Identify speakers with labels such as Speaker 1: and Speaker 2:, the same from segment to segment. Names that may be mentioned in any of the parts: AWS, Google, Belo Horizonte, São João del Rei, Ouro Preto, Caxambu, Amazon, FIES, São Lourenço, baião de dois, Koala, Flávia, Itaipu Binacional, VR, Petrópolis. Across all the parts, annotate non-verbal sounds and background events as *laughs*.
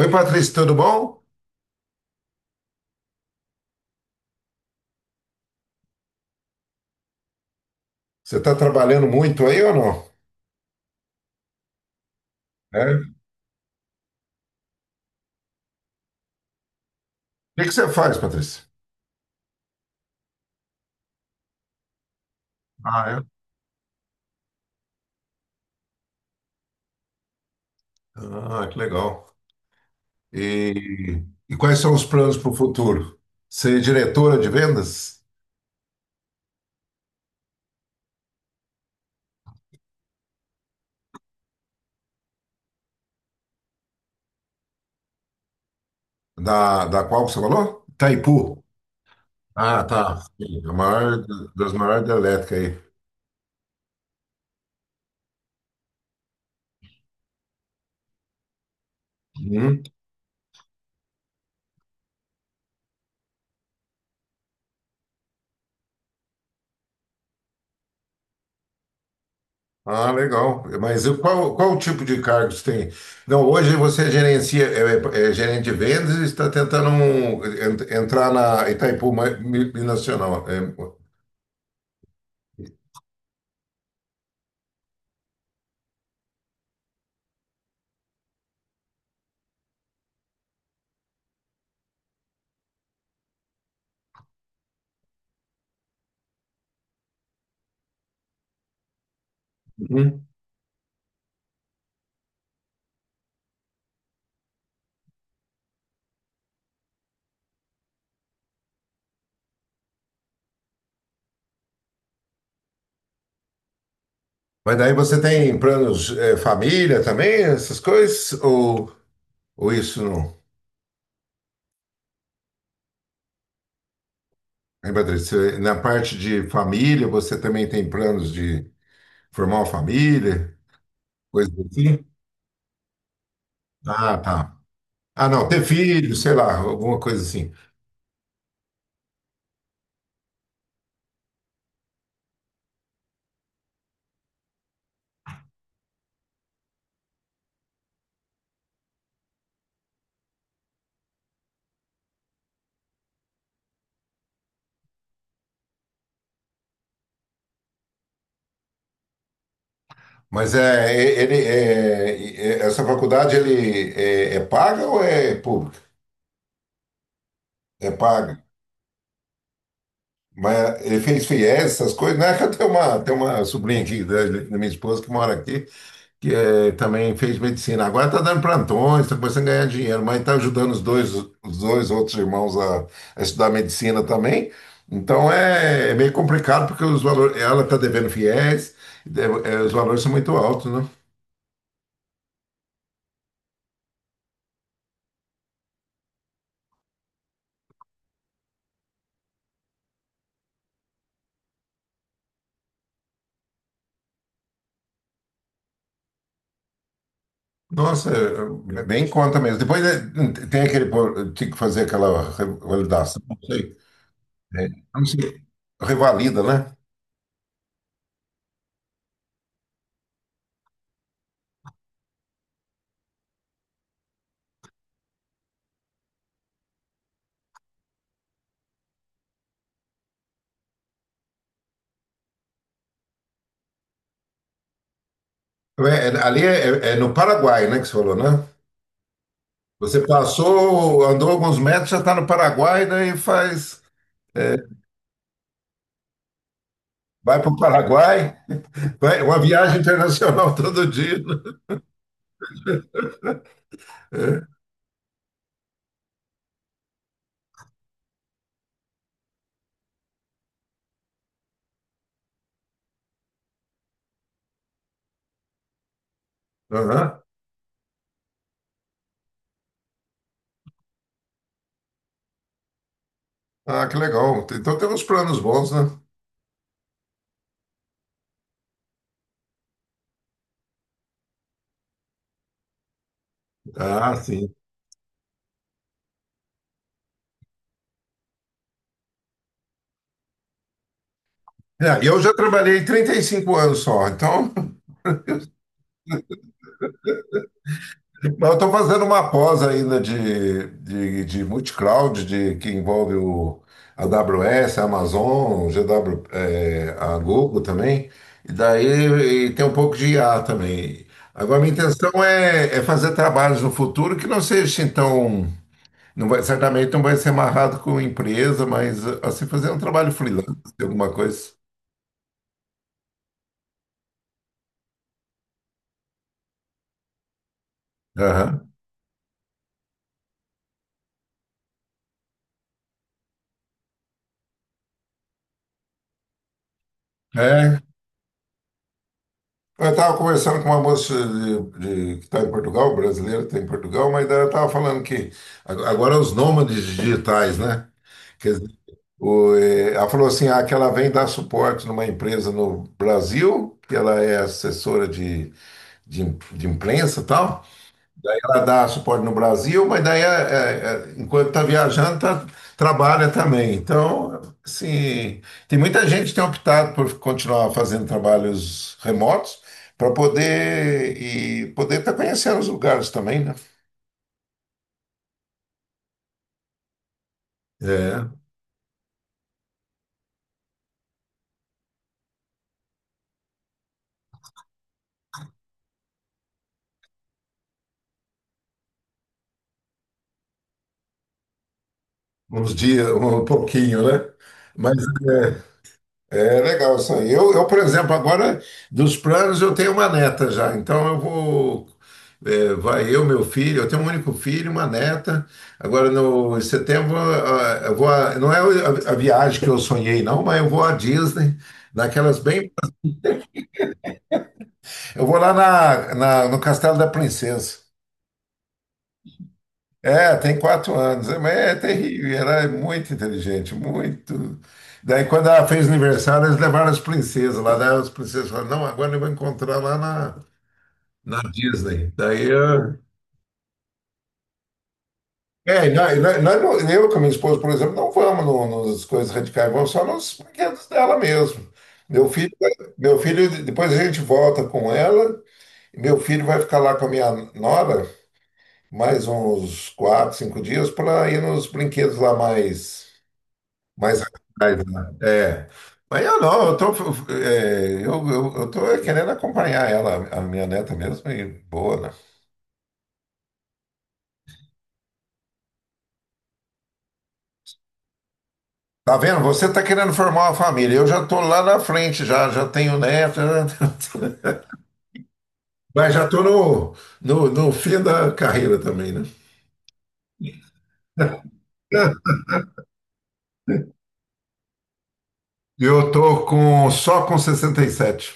Speaker 1: Oi, Patrícia, tudo bom? Você está trabalhando muito aí ou não? É? O que que você faz, Patrícia? Ah, é? Ah, que legal. E, e quais são os planos para o futuro? Ser diretora de vendas da qual que você falou? Itaipu. Ah, tá. Sim, a maior das maiores da elétrica aí. Hum? Ah, legal. Mas e qual o tipo de cargos tem? Não, hoje você gerencia, é gerente de vendas e está tentando entrar na Binacional. É, uhum. Mas daí você tem planos, é, família também, essas coisas? Ou isso não? Hein, Patrícia? Na parte de família, você também tem planos de formar uma família, coisa assim? Ah, tá. Ah, não, ter filho, sei lá, alguma coisa assim. Mas é, e- ele, é, e- é- essa faculdade ele é paga ou é pública? É paga. Mas ele fez FIES, essas coisas, né? *laughs* Que eu tenho uma sobrinha aqui da minha esposa que mora aqui, que é, também fez medicina. Agora está dando plantões, está começando a ganhar dinheiro, mas está ajudando os dois outros irmãos a estudar medicina também. Então é meio complicado porque os valores, ela está devendo FIES, é, os valores são muito altos, né? Nossa, nem conta mesmo. Depois tem aquele, tinha que fazer aquela revalidação, não sei, né? Não sei, revalida, né? Ali é no Paraguai, né, que você falou, né? Você passou, andou alguns metros, já está no Paraguai, daí faz, é, vai para o Paraguai, vai, uma viagem internacional *laughs* todo dia, né? É, aham. Ah, que legal. Então tem uns planos bons, né? Ah, sim. É, eu já trabalhei 35 anos só, então. Mas eu estou fazendo uma pós ainda de multicloud, que envolve o a AWS, a Amazon, o GW, a Google também. E daí e tem um pouco de IA também. Agora, minha intenção é fazer trabalhos no futuro que não seja então. Não vai, certamente não vai ser amarrado com empresa, mas assim, fazer um trabalho freelance, alguma coisa. Aham. É, eu estava conversando com uma moça que está em Portugal, brasileira, que está em Portugal, mas daí ela estava falando que agora os nômades digitais, né? Quer dizer, ela falou assim, ah, que ela vem dar suporte numa empresa no Brasil, que ela é assessora de imprensa e tal, ela dá suporte no Brasil, mas daí, enquanto está viajando, trabalha também. Então, assim, tem muita gente que tem optado por continuar fazendo trabalhos remotos para poder estar conhecendo os lugares também, né? É, uns dias, um pouquinho, né? Mas é legal isso aí. Eu, por exemplo, agora dos planos eu tenho uma neta já, então eu vou. Vai eu, meu filho, eu tenho um único filho, uma neta. Agora no em setembro eu vou. Não é a viagem que eu sonhei, não, mas eu vou à Disney, naquelas bem. Eu vou lá no Castelo da Princesa. É, tem 4 anos, é, mas é terrível, e ela é muito inteligente, muito. Daí, quando ela fez aniversário, eles levaram as princesas lá, daí as princesas falaram, não, agora eu vou encontrar lá na Disney. Daí, eu... é, e nós- Eu com a minha esposa, por exemplo, não vamos nas coisas radicais, vamos só nos brinquedos dela mesmo. Meu filho, meu filho, depois a gente volta com ela, e meu filho vai ficar lá com a minha nora mais uns quatro, cinco dias para ir nos brinquedos lá mais atrás, né? É. Mas eu não, eu tô, eu tô querendo acompanhar ela, a minha neta mesmo, e boa, né? Tá vendo? Você tá querendo formar uma família. Eu já tô lá na frente, já, já, tenho neto, *laughs* mas já tô no fim da carreira também, né? *laughs* Eu tô com, só com 67.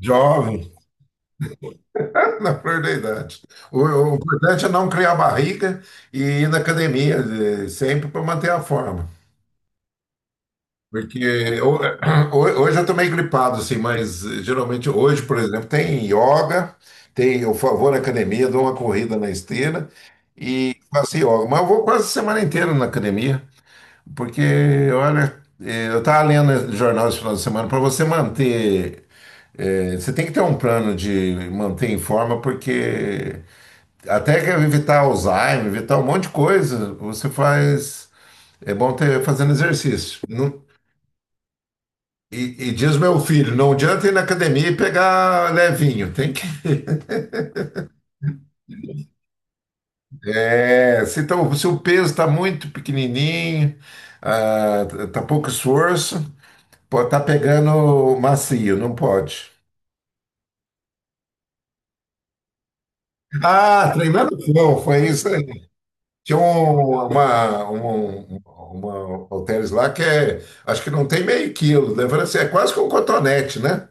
Speaker 1: Jovem, *laughs* na flor da idade. O importante é não criar barriga e ir na academia, sempre para manter a forma. Porque *clears throat* hoje eu tô meio gripado, assim, mas geralmente hoje, por exemplo, tem yoga, vou na academia, dou uma corrida na esteira e faço yoga. Mas eu vou quase a semana inteira na academia, porque, olha, eu tava lendo jornal esse final de semana, para você manter, você tem que ter um plano de manter em forma, porque até que evitar Alzheimer, evitar um monte de coisa, você faz, é bom ter fazendo exercício. Não. E diz meu filho, não adianta ir na academia e pegar levinho, tem que. É, se o peso está muito pequenininho, ah, tá pouco esforço, pode estar pegando macio, não pode. Ah, treinando não, foi isso aí. Tinha uma halteres lá que é, acho que não tem meio quilo, né? Eu falei assim, é quase que um cotonete, né?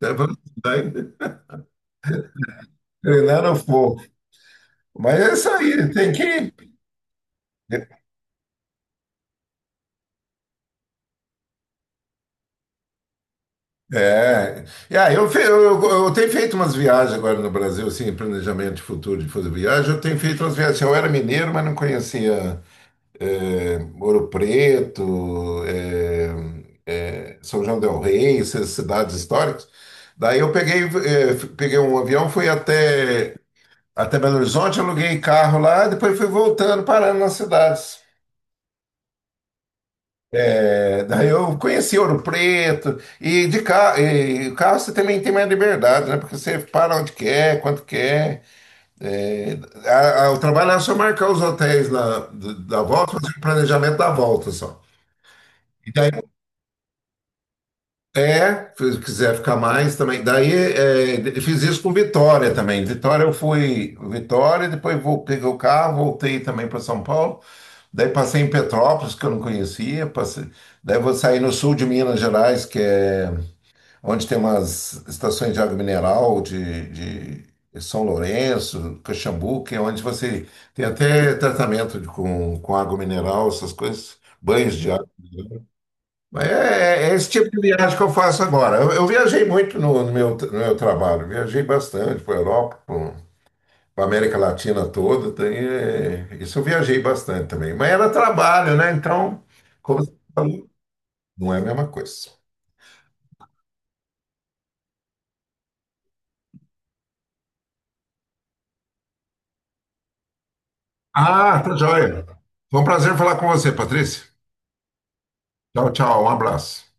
Speaker 1: Eu falei assim, daí, treinando fogo. Mas é isso aí, tem que. É, e aí eu, fe- eu tenho feito umas viagens agora no Brasil, assim, planejamento de futuro de fazer viagem. Eu tenho feito umas viagens. Assim, eu era mineiro, mas não conhecia Ouro Preto, São João del Rei, essas cidades históricas. Daí eu peguei, peguei um avião, fui até Belo Horizonte, aluguei carro lá, depois fui voltando, parando nas cidades. É, daí eu conheci Ouro Preto e de carro, e carro você também tem mais liberdade, né? Porque você para onde quer, quanto quer. É, o trabalho era só marcar os hotéis lá da volta, fazer o planejamento da volta só. E daí, se quiser ficar mais também. Daí, fiz isso com Vitória também. Vitória, eu fui Vitória, depois peguei o carro, voltei também para São Paulo. Daí, passei em Petrópolis, que eu não conhecia. Passei, daí, vou sair no sul de Minas Gerais, que é onde tem umas estações de água mineral de São Lourenço, Caxambu, que é onde você tem até tratamento com água mineral, essas coisas, banhos de água. Mas esse tipo de viagem que eu faço agora. Eu viajei muito no meu trabalho, viajei bastante para a Europa, para a América Latina toda. Tem, isso eu viajei bastante também. Mas era trabalho, né? Então, como você falou, não é a mesma coisa. Ah, tá joia. Foi um prazer falar com você, Patrícia. Tchau, tchau. Um abraço.